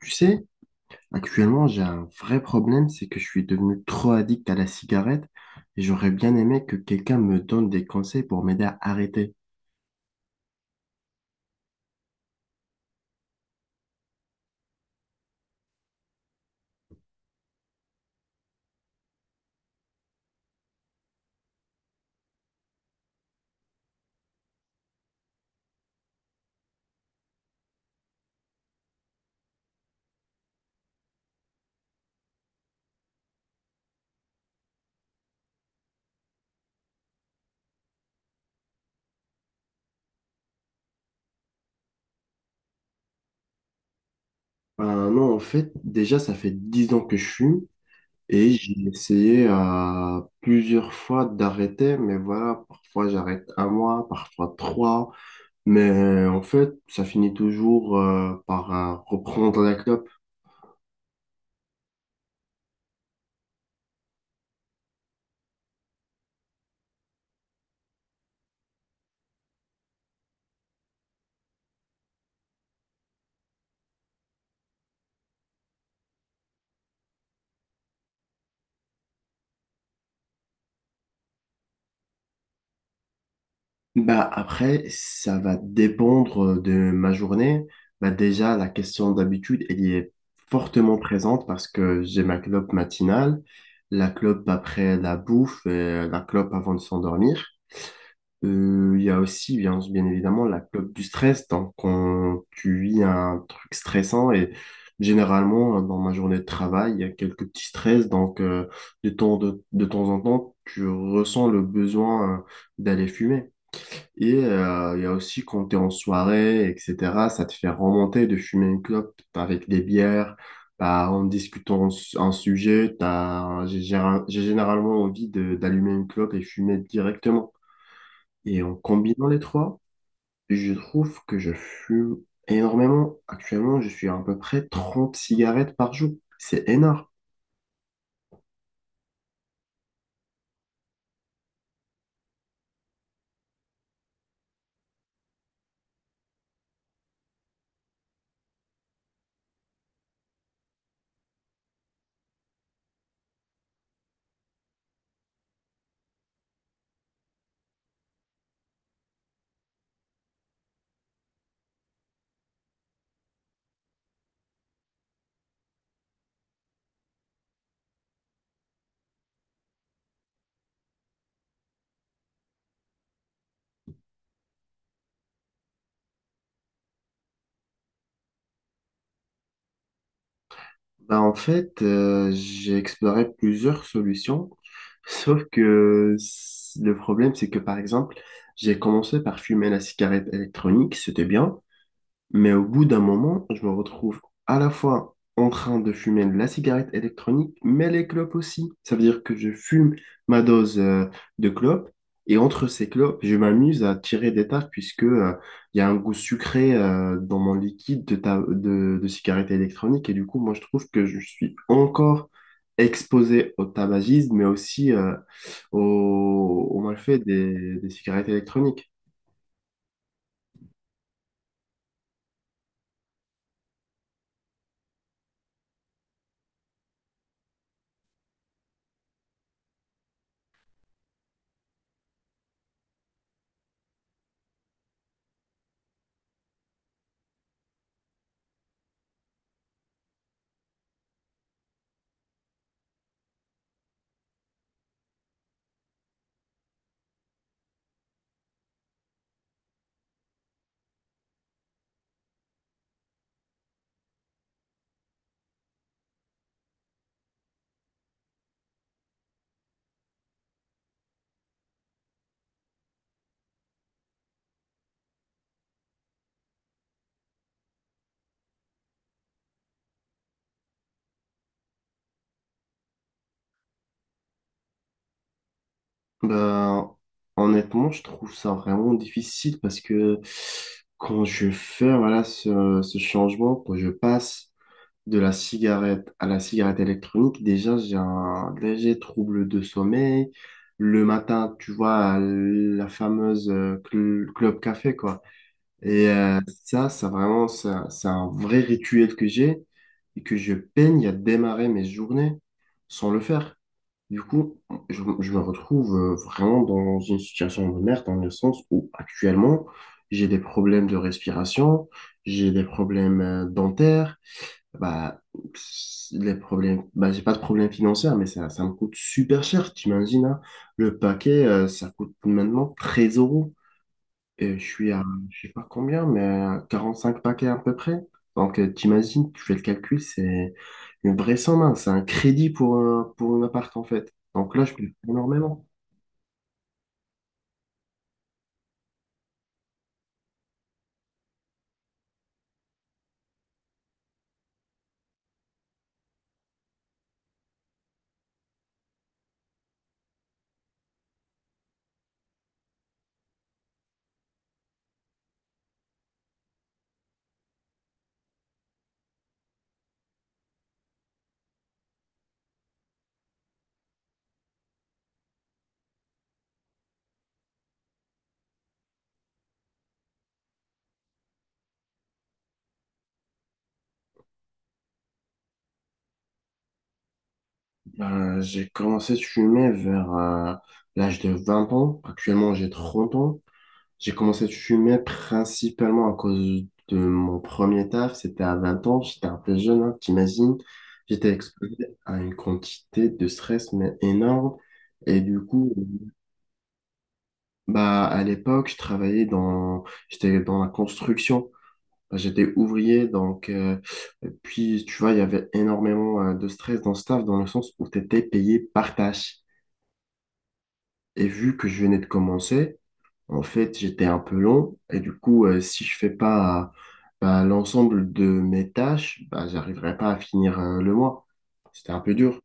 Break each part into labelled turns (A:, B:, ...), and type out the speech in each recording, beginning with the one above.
A: Tu sais, actuellement, j'ai un vrai problème, c'est que je suis devenu trop addict à la cigarette et j'aurais bien aimé que quelqu'un me donne des conseils pour m'aider à arrêter. Ben non, en fait, déjà, ça fait 10 ans que je fume et j'ai essayé plusieurs fois d'arrêter, mais voilà, parfois j'arrête un mois, parfois trois, mais en fait, ça finit toujours par reprendre la clope. Bah après, ça va dépendre de ma journée. Bah déjà, la question d'habitude, elle y est fortement présente parce que j'ai ma clope matinale, la clope après la bouffe et la clope avant de s'endormir. Il y a aussi, bien, bien évidemment, la clope du stress. Donc, quand tu vis un truc stressant et généralement, dans ma journée de travail, il y a quelques petits stress. Donc, de temps, de temps en temps, tu ressens le besoin d'aller fumer. Et il y a aussi quand tu es en soirée, etc., ça te fait remonter de fumer une clope avec des bières, bah, en discutant un sujet, j'ai j'ai généralement envie d'allumer une clope et fumer directement. Et en combinant les trois, je trouve que je fume énormément. Actuellement, je suis à peu près 30 cigarettes par jour. C'est énorme. Bah, en fait, j'ai exploré plusieurs solutions, sauf que le problème, c'est que par exemple, j'ai commencé par fumer la cigarette électronique, c'était bien, mais au bout d'un moment, je me retrouve à la fois en train de fumer la cigarette électronique, mais les clopes aussi. Ça veut dire que je fume ma dose de clopes et entre ces clopes, je m'amuse à tirer des taffes puisque il y a un goût sucré dans mon liquide de, de cigarette électronique. Et du coup, moi, je trouve que je suis encore exposé au tabagisme, mais aussi au, au malfait des cigarettes électroniques. Ben, honnêtement, je trouve ça vraiment difficile parce que quand je fais voilà, ce changement, quand je passe de la cigarette à la cigarette électronique, déjà j'ai un léger trouble de sommeil. Le matin, tu vois, la fameuse club café, quoi. Et c'est un vrai rituel que j'ai et que je peine à démarrer mes journées sans le faire. Du coup, je me retrouve vraiment dans une situation de merde, dans le sens où actuellement, j'ai des problèmes de respiration, j'ai des problèmes dentaires, bah, pss, les problèmes, bah, j'ai pas de problème financier, mais ça me coûte super cher, t'imagines, hein? Le paquet, ça coûte maintenant 13 euros. Et je suis à, je sais pas combien, mais à 5 paquets à peu près. Donc, t'imagines, tu fais le calcul, c'est une vraie somme, hein. C'est un crédit pour un appart, en fait. Donc là, je paye énormément. Ben, j'ai commencé à fumer vers l'âge de 20 ans. Actuellement, j'ai 30 ans. J'ai commencé à fumer principalement à cause de mon premier taf. C'était à 20 ans. J'étais un peu jeune, hein, t'imagines. J'étais exposé à une quantité de stress, mais énorme. Et du coup, bah, à l'époque, je travaillais dans, j'étais dans la construction. Bah, j'étais ouvrier, donc, et puis, tu vois, il y avait énormément de stress dans ce taf, dans le sens où tu étais payé par tâche. Et vu que je venais de commencer, en fait, j'étais un peu long, et du coup, si je fais pas bah, l'ensemble de mes tâches, bah, j'arriverai pas à finir le mois. C'était un peu dur.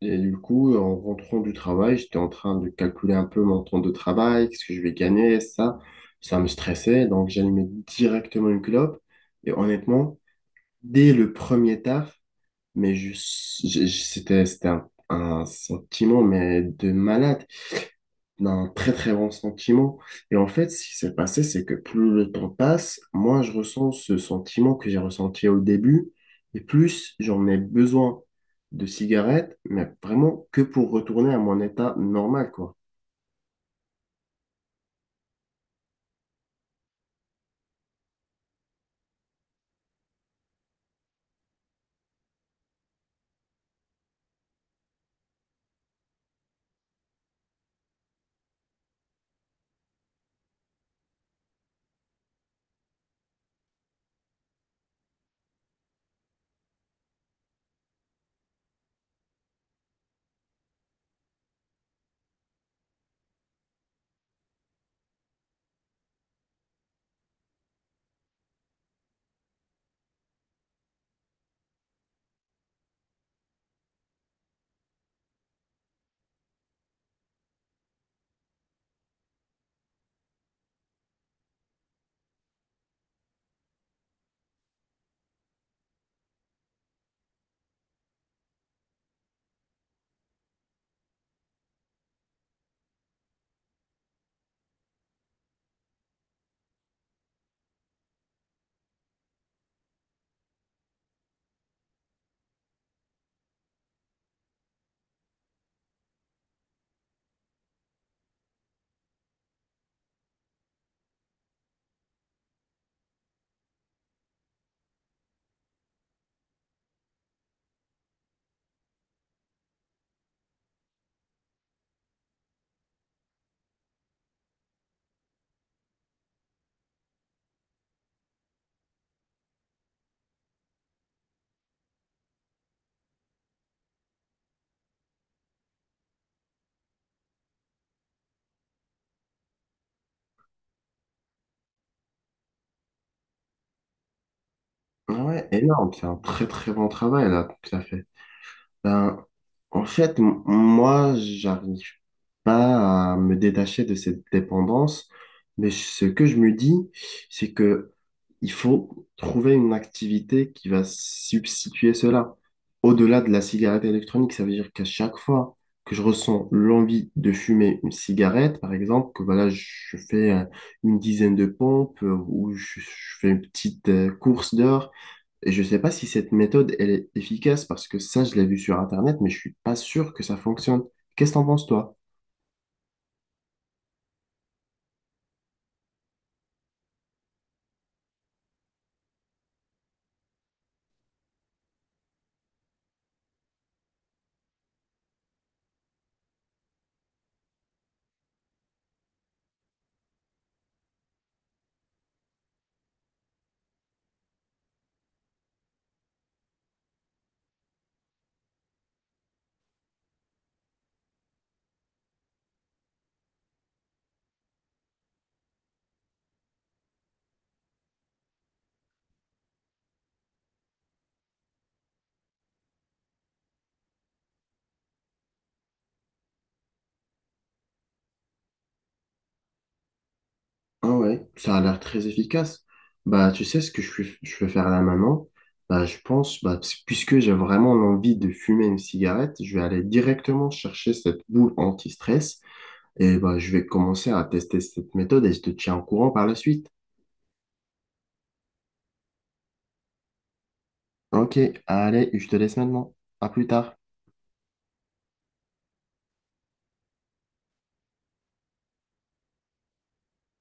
A: Et du coup, en rentrant du travail, j'étais en train de calculer un peu mon temps de travail, qu'est-ce que je vais gagner, ça. Ça me stressait, donc j'allumais directement une clope. Et honnêtement, dès le premier taf, mais c'était, c'était un sentiment mais de malade d'un très très bon sentiment. Et en fait, ce qui s'est passé, c'est que plus le temps passe, moins je ressens ce sentiment que j'ai ressenti au début, et plus j'en ai besoin de cigarettes, mais vraiment que pour retourner à mon état normal, quoi. Ah ouais, énorme, c'est un très très bon travail là. Ça fait ben, en fait, moi, j'arrive pas à me détacher de cette dépendance, mais ce que je me dis, c'est que il faut trouver une activité qui va substituer cela. Au-delà de la cigarette électronique, ça veut dire qu'à chaque fois que je ressens l'envie de fumer une cigarette, par exemple, que voilà, je fais une dizaine de pompes ou je fais une petite course dehors, et je ne sais pas si cette méthode, elle est efficace parce que ça, je l'ai vu sur Internet, mais je suis pas sûr que ça fonctionne. Qu'est-ce que t'en penses, toi? Ah ouais, ça a l'air très efficace. Bah, tu sais ce que je vais faire là maintenant? Bah, je pense, bah, puisque j'ai vraiment envie de fumer une cigarette, je vais aller directement chercher cette boule anti-stress et bah, je vais commencer à tester cette méthode et je te tiens au courant par la suite. Ok, allez, je te laisse maintenant. À plus tard.